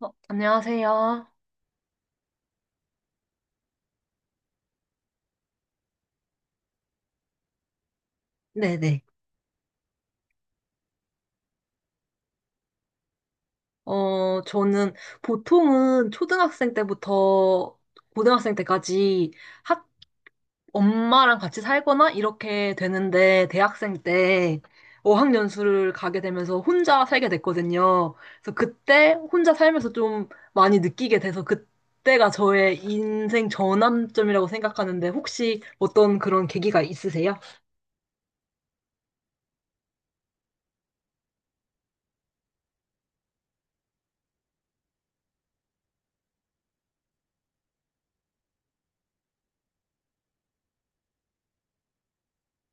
안녕하세요. 네네. 저는 보통은 초등학생 때부터 고등학생 때까지 학, 엄마랑 같이 살거나 이렇게 되는데 대학생 때 어학연수를 가게 되면서 혼자 살게 됐거든요. 그래서 그때 혼자 살면서 좀 많이 느끼게 돼서 그때가 저의 인생 전환점이라고 생각하는데 혹시 어떤 그런 계기가 있으세요?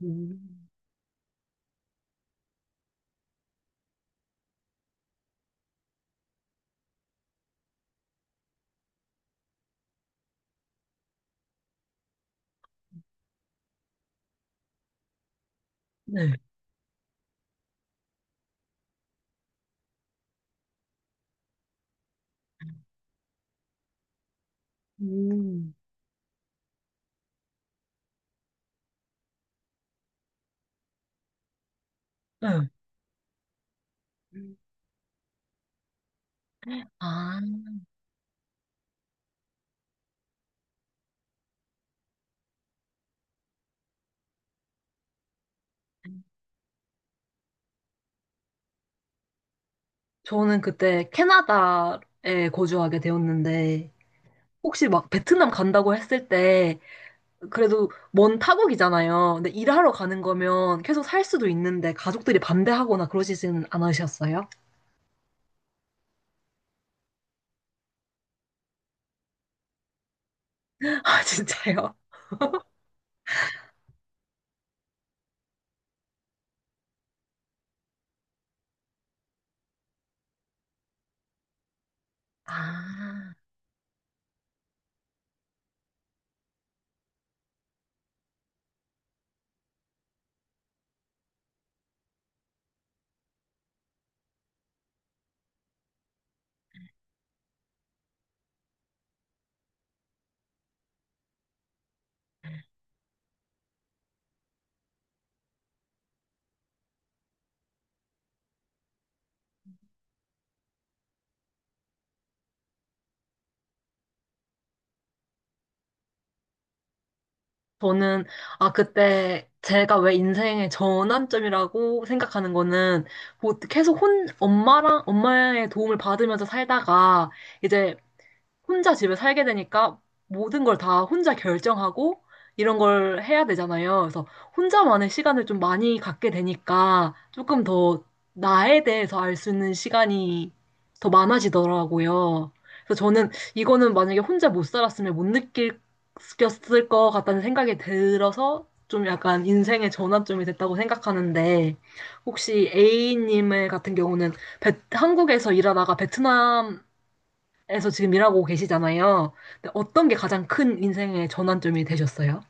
음, 네. 음, 네. 음. 아. 저는 그때 캐나다에 거주하게 되었는데, 혹시 막 베트남 간다고 했을 때, 그래도 먼 타국이잖아요. 근데 일하러 가는 거면 계속 살 수도 있는데, 가족들이 반대하거나 그러시지는 않으셨어요? 아, 진짜요? 아, 저는, 아, 그때 제가 왜 인생의 전환점이라고 생각하는 거는, 뭐 계속 엄마랑, 엄마의 도움을 받으면서 살다가, 이제 혼자 집에 살게 되니까 모든 걸 다 혼자 결정하고 이런 걸 해야 되잖아요. 그래서 혼자만의 시간을 좀 많이 갖게 되니까 조금 더 나에 대해서 알 수 있는 시간이 더 많아지더라고요. 그래서 저는 이거는 만약에 혼자 못 살았으면 못 느꼈을 것 같다는 생각이 들어서 좀 약간 인생의 전환점이 됐다고 생각하는데 혹시 A님의 같은 경우는 한국에서 일하다가 베트남 에서 지금 일하고 계시잖아요. 근데 어떤 게 가장 큰 인생의 전환점이 되셨어요?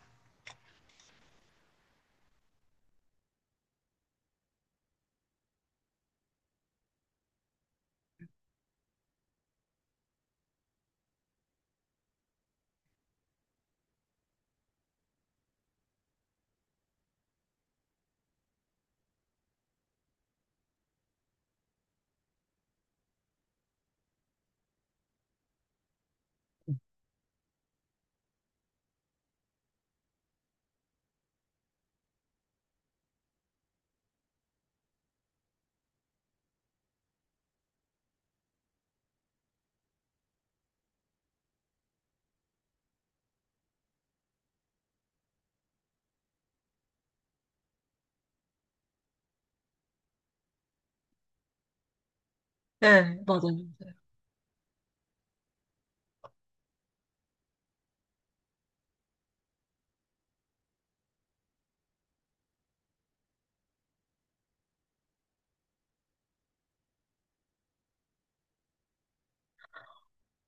네, 맞아요.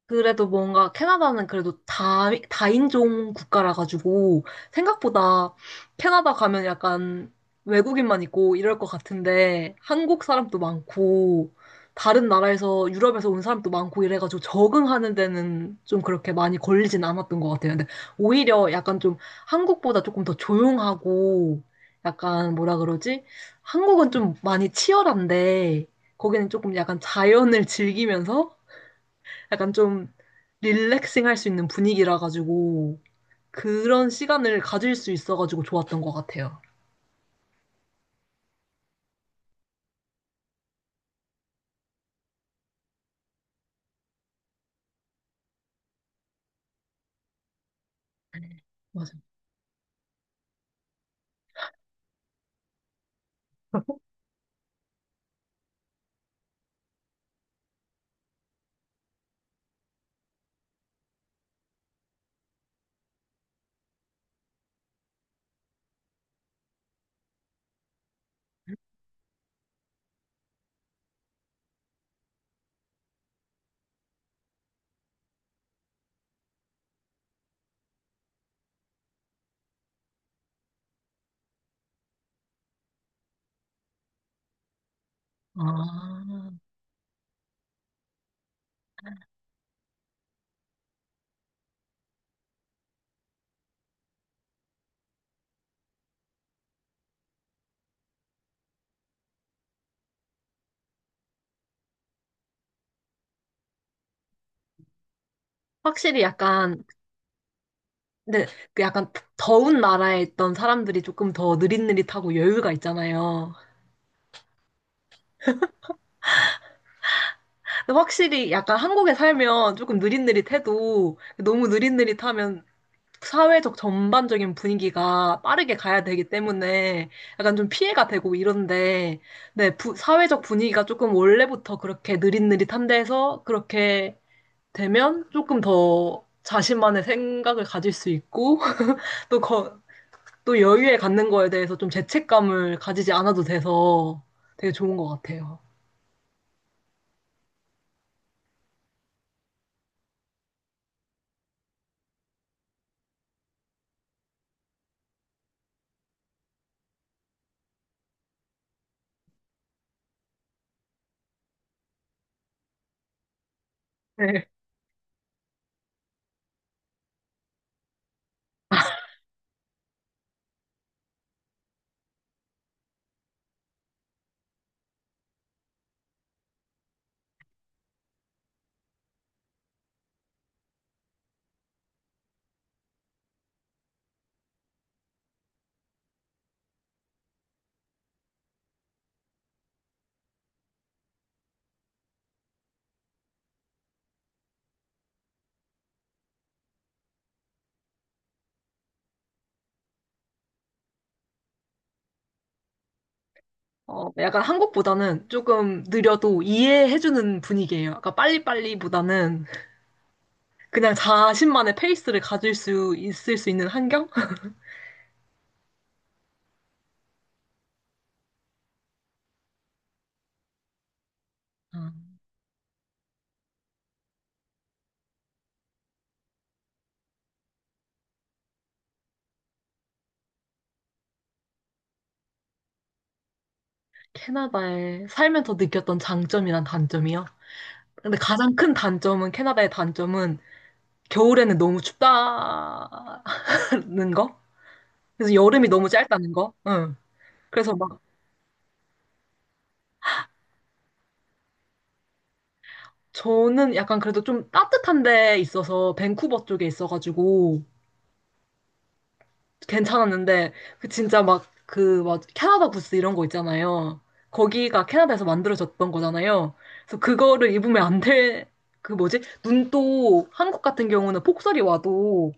그래도 뭔가 캐나다는 그래도 다인종 국가라 가지고 생각보다 캐나다 가면 약간 외국인만 있고 이럴 것 같은데 한국 사람도 많고 다른 나라에서 유럽에서 온 사람도 많고 이래가지고 적응하는 데는 좀 그렇게 많이 걸리진 않았던 것 같아요. 근데 오히려 약간 좀 한국보다 조금 더 조용하고 약간 뭐라 그러지? 한국은 좀 많이 치열한데 거기는 조금 약간 자연을 즐기면서 약간 좀 릴렉싱 할 수 있는 분위기라 가지고 그런 시간을 가질 수 있어 가지고 좋았던 것 같아요. 맞아. 아, 확실히 약간, 근데 그 약간 더운 나라에 있던 사람들이 조금 더 느릿느릿하고 여유가 있잖아요. 근데 확실히 약간 한국에 살면 조금 느릿느릿해도 너무 느릿느릿하면 사회적 전반적인 분위기가 빠르게 가야 되기 때문에 약간 좀 피해가 되고 이런데, 네, 사회적 분위기가 조금 원래부터 그렇게 느릿느릿한데서 그렇게 되면 조금 더 자신만의 생각을 가질 수 있고, 또, 거, 또 여유에 갖는 거에 대해서 좀 죄책감을 가지지 않아도 돼서 되게 좋은 것 같아요. 네. 어, 약간 한국보다는 조금 느려도 이해해주는 분위기예요. 아까 빨리빨리보다는 그냥 자신만의 페이스를 가질 수 있을 수 있는 환경? 아, 캐나다에 살면서 느꼈던 장점이란 단점이요. 근데 가장 큰 단점은 캐나다의 단점은 겨울에는 너무 춥다는 거. 그래서 여름이 너무 짧다는 거. 응. 그래서 막 저는 약간 그래도 좀 따뜻한 데 있어서 밴쿠버 쪽에 있어가지고 괜찮았는데 그 진짜 막 그 막 캐나다 부스 이런 거 있잖아요. 거기가 캐나다에서 만들어졌던 거잖아요. 그래서 그거를 입으면 안 돼. 그 뭐지? 눈도 한국 같은 경우는 폭설이 와도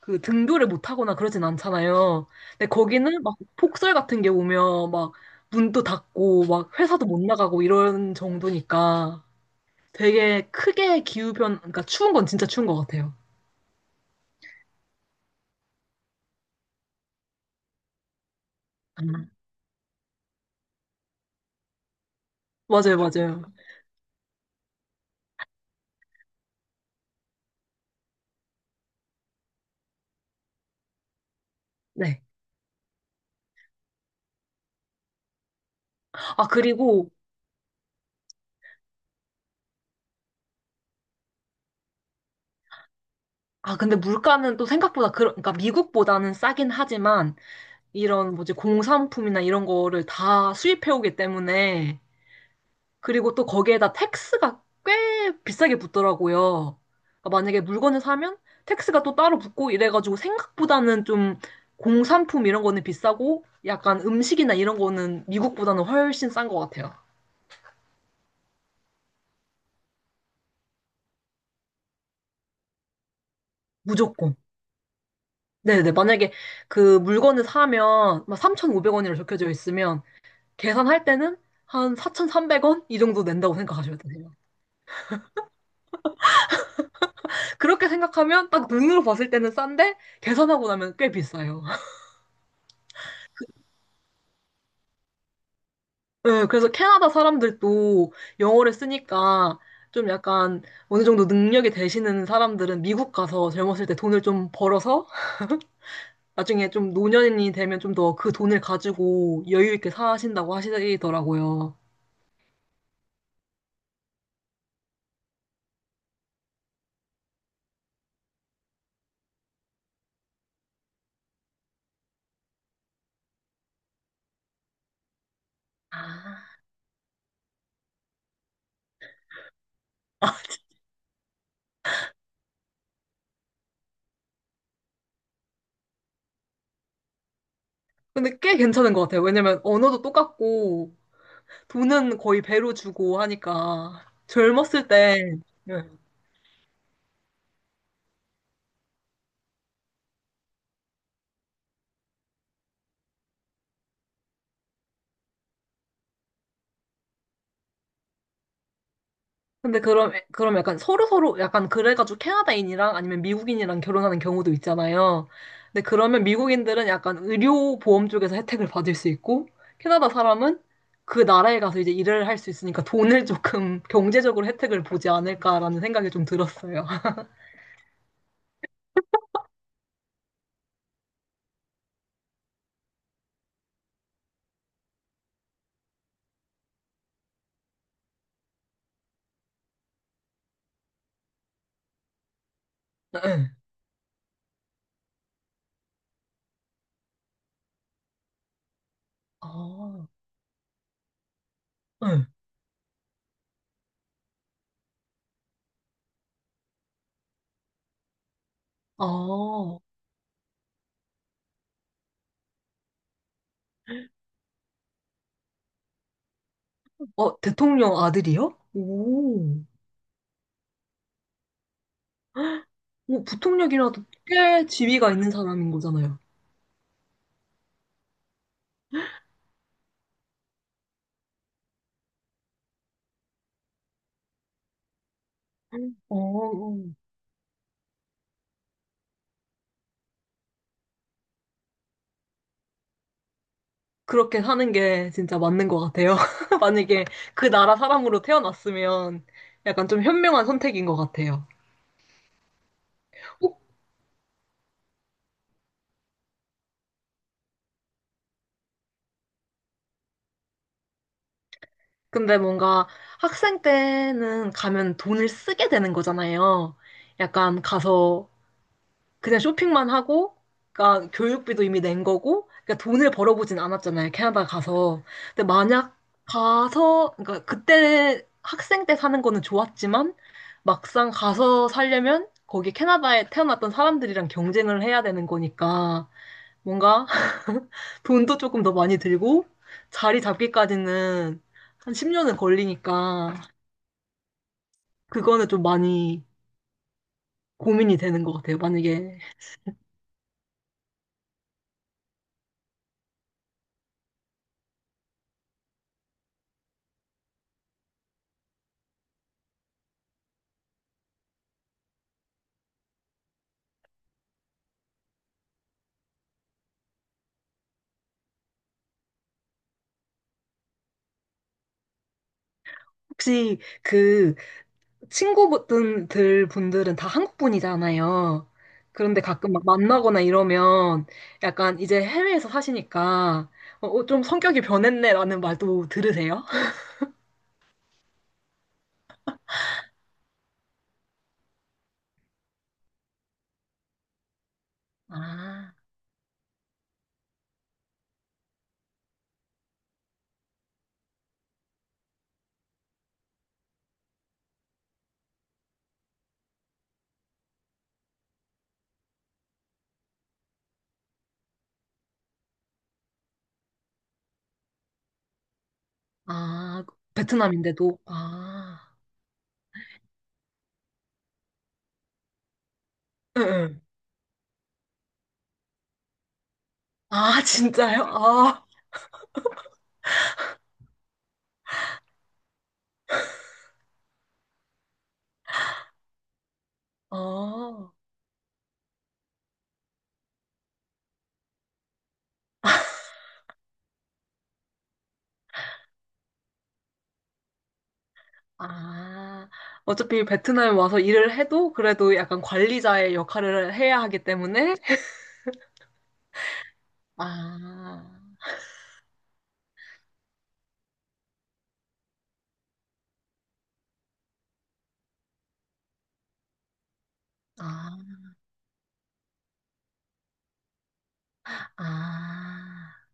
그 등교를 못 하거나 그러진 않잖아요. 근데 거기는 막 폭설 같은 게 오면 막 눈도 닫고 막 회사도 못 나가고 이런 정도니까 되게 크게 그러니까 추운 건 진짜 추운 것 같아요. 음. 맞아요, 맞아요. 네. 아, 그리고 아, 근데 물가는 또 생각보다, 그 그러니까 미국보다는 싸긴 하지만, 이런 뭐지, 공산품이나 이런 거를 다 수입해오기 때문에, 그리고 또 거기에다 텍스가 꽤 비싸게 붙더라고요. 그러니까 만약에 물건을 사면 텍스가 또 따로 붙고 이래가지고 생각보다는 좀 공산품 이런 거는 비싸고, 약간 음식이나 이런 거는 미국보다는 훨씬 싼 것 같아요. 무조건. 네네. 만약에 그 물건을 사면 막 3,500원이라 적혀져 있으면, 계산할 때는 한 4,300원 이 정도 낸다고 생각하셔면 돼요. 그렇게 생각하면 딱 눈으로 봤을 때는 싼데 계산하고 나면 꽤 비싸요. 네, 그래서 캐나다 사람들도 영어를 쓰니까 좀 약간 어느 정도 능력이 되시는 사람들은 미국 가서 젊었을 때 돈을 좀 벌어서 나중에 좀 노년이 되면 좀 더 그 돈을 가지고 여유 있게 사신다고 하시더라고요. 아. 근데 꽤 괜찮은 것 같아요. 왜냐면 언어도 똑같고 돈은 거의 배로 주고 하니까 젊었을 때 예. 근데 그럼 약간 서로 약간 그래가지고 캐나다인이랑 아니면 미국인이랑 결혼하는 경우도 있잖아요. 근데 그러면 미국인들은 약간 의료 보험 쪽에서 혜택을 받을 수 있고 캐나다 사람은 그 나라에 가서 이제 일을 할 수 있으니까 돈을 조금 경제적으로 혜택을 보지 않을까라는 생각이 좀 들었어요. 아, 응. 아, 어, 대통령 아들이요? 오. 오, 부통령이라도 꽤 지위가 있는 사람인 거잖아요. 어, 어. 그렇게 사는 게 진짜 맞는 것 같아요. 만약에 그 나라 사람으로 태어났으면 약간 좀 현명한 선택인 것 같아요. 어? 근데 뭔가 학생 때는 가면 돈을 쓰게 되는 거잖아요. 약간 가서 그냥 쇼핑만 하고, 그러니까 교육비도 이미 낸 거고, 그러니까 돈을 벌어보진 않았잖아요, 캐나다 가서. 근데 만약 가서, 그러니까 그때 학생 때 사는 거는 좋았지만, 막상 가서 살려면 거기 캐나다에 태어났던 사람들이랑 경쟁을 해야 되는 거니까, 뭔가 돈도 조금 더 많이 들고, 자리 잡기까지는 한 10년은 걸리니까, 그거는 좀 많이 고민이 되는 것 같아요. 만약에, 혹시 그 친구분들 분들은 다 한국 분이잖아요. 그런데 가끔 막 만나거나 이러면 약간 이제 해외에서 사시니까 좀 성격이 변했네라는 말도 들으세요? 아, 아, 베트남인데도 아, 응, 응. 아, 진짜요? 아, 어, 아, 어차피 베트남에 와서 일을 해도 그래도 약간 관리자의 역할을 해야 하기 때문에 아, 아, 아.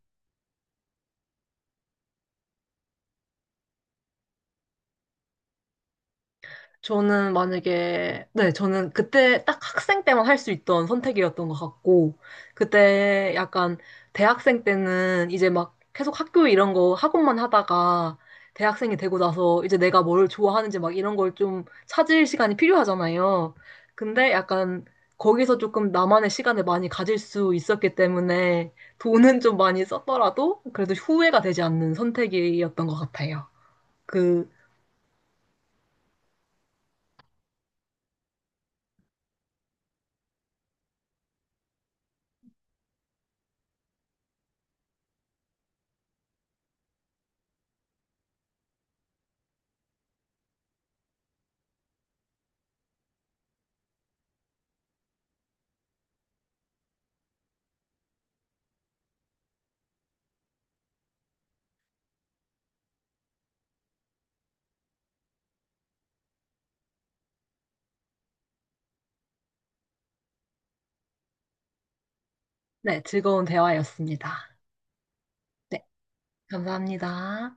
네, 저는 그때 딱 학생 때만 할 수 있던 선택이었던 것 같고, 그때 약간 대학생 때는 이제 막 계속 학교 이런 거 학업만 하다가 대학생이 되고 나서 이제 내가 뭘 좋아하는지 막 이런 걸 좀 찾을 시간이 필요하잖아요. 근데 약간 거기서 조금 나만의 시간을 많이 가질 수 있었기 때문에 돈은 좀 많이 썼더라도 그래도 후회가 되지 않는 선택이었던 것 같아요. 그, 네, 즐거운 대화였습니다. 네. 감사합니다.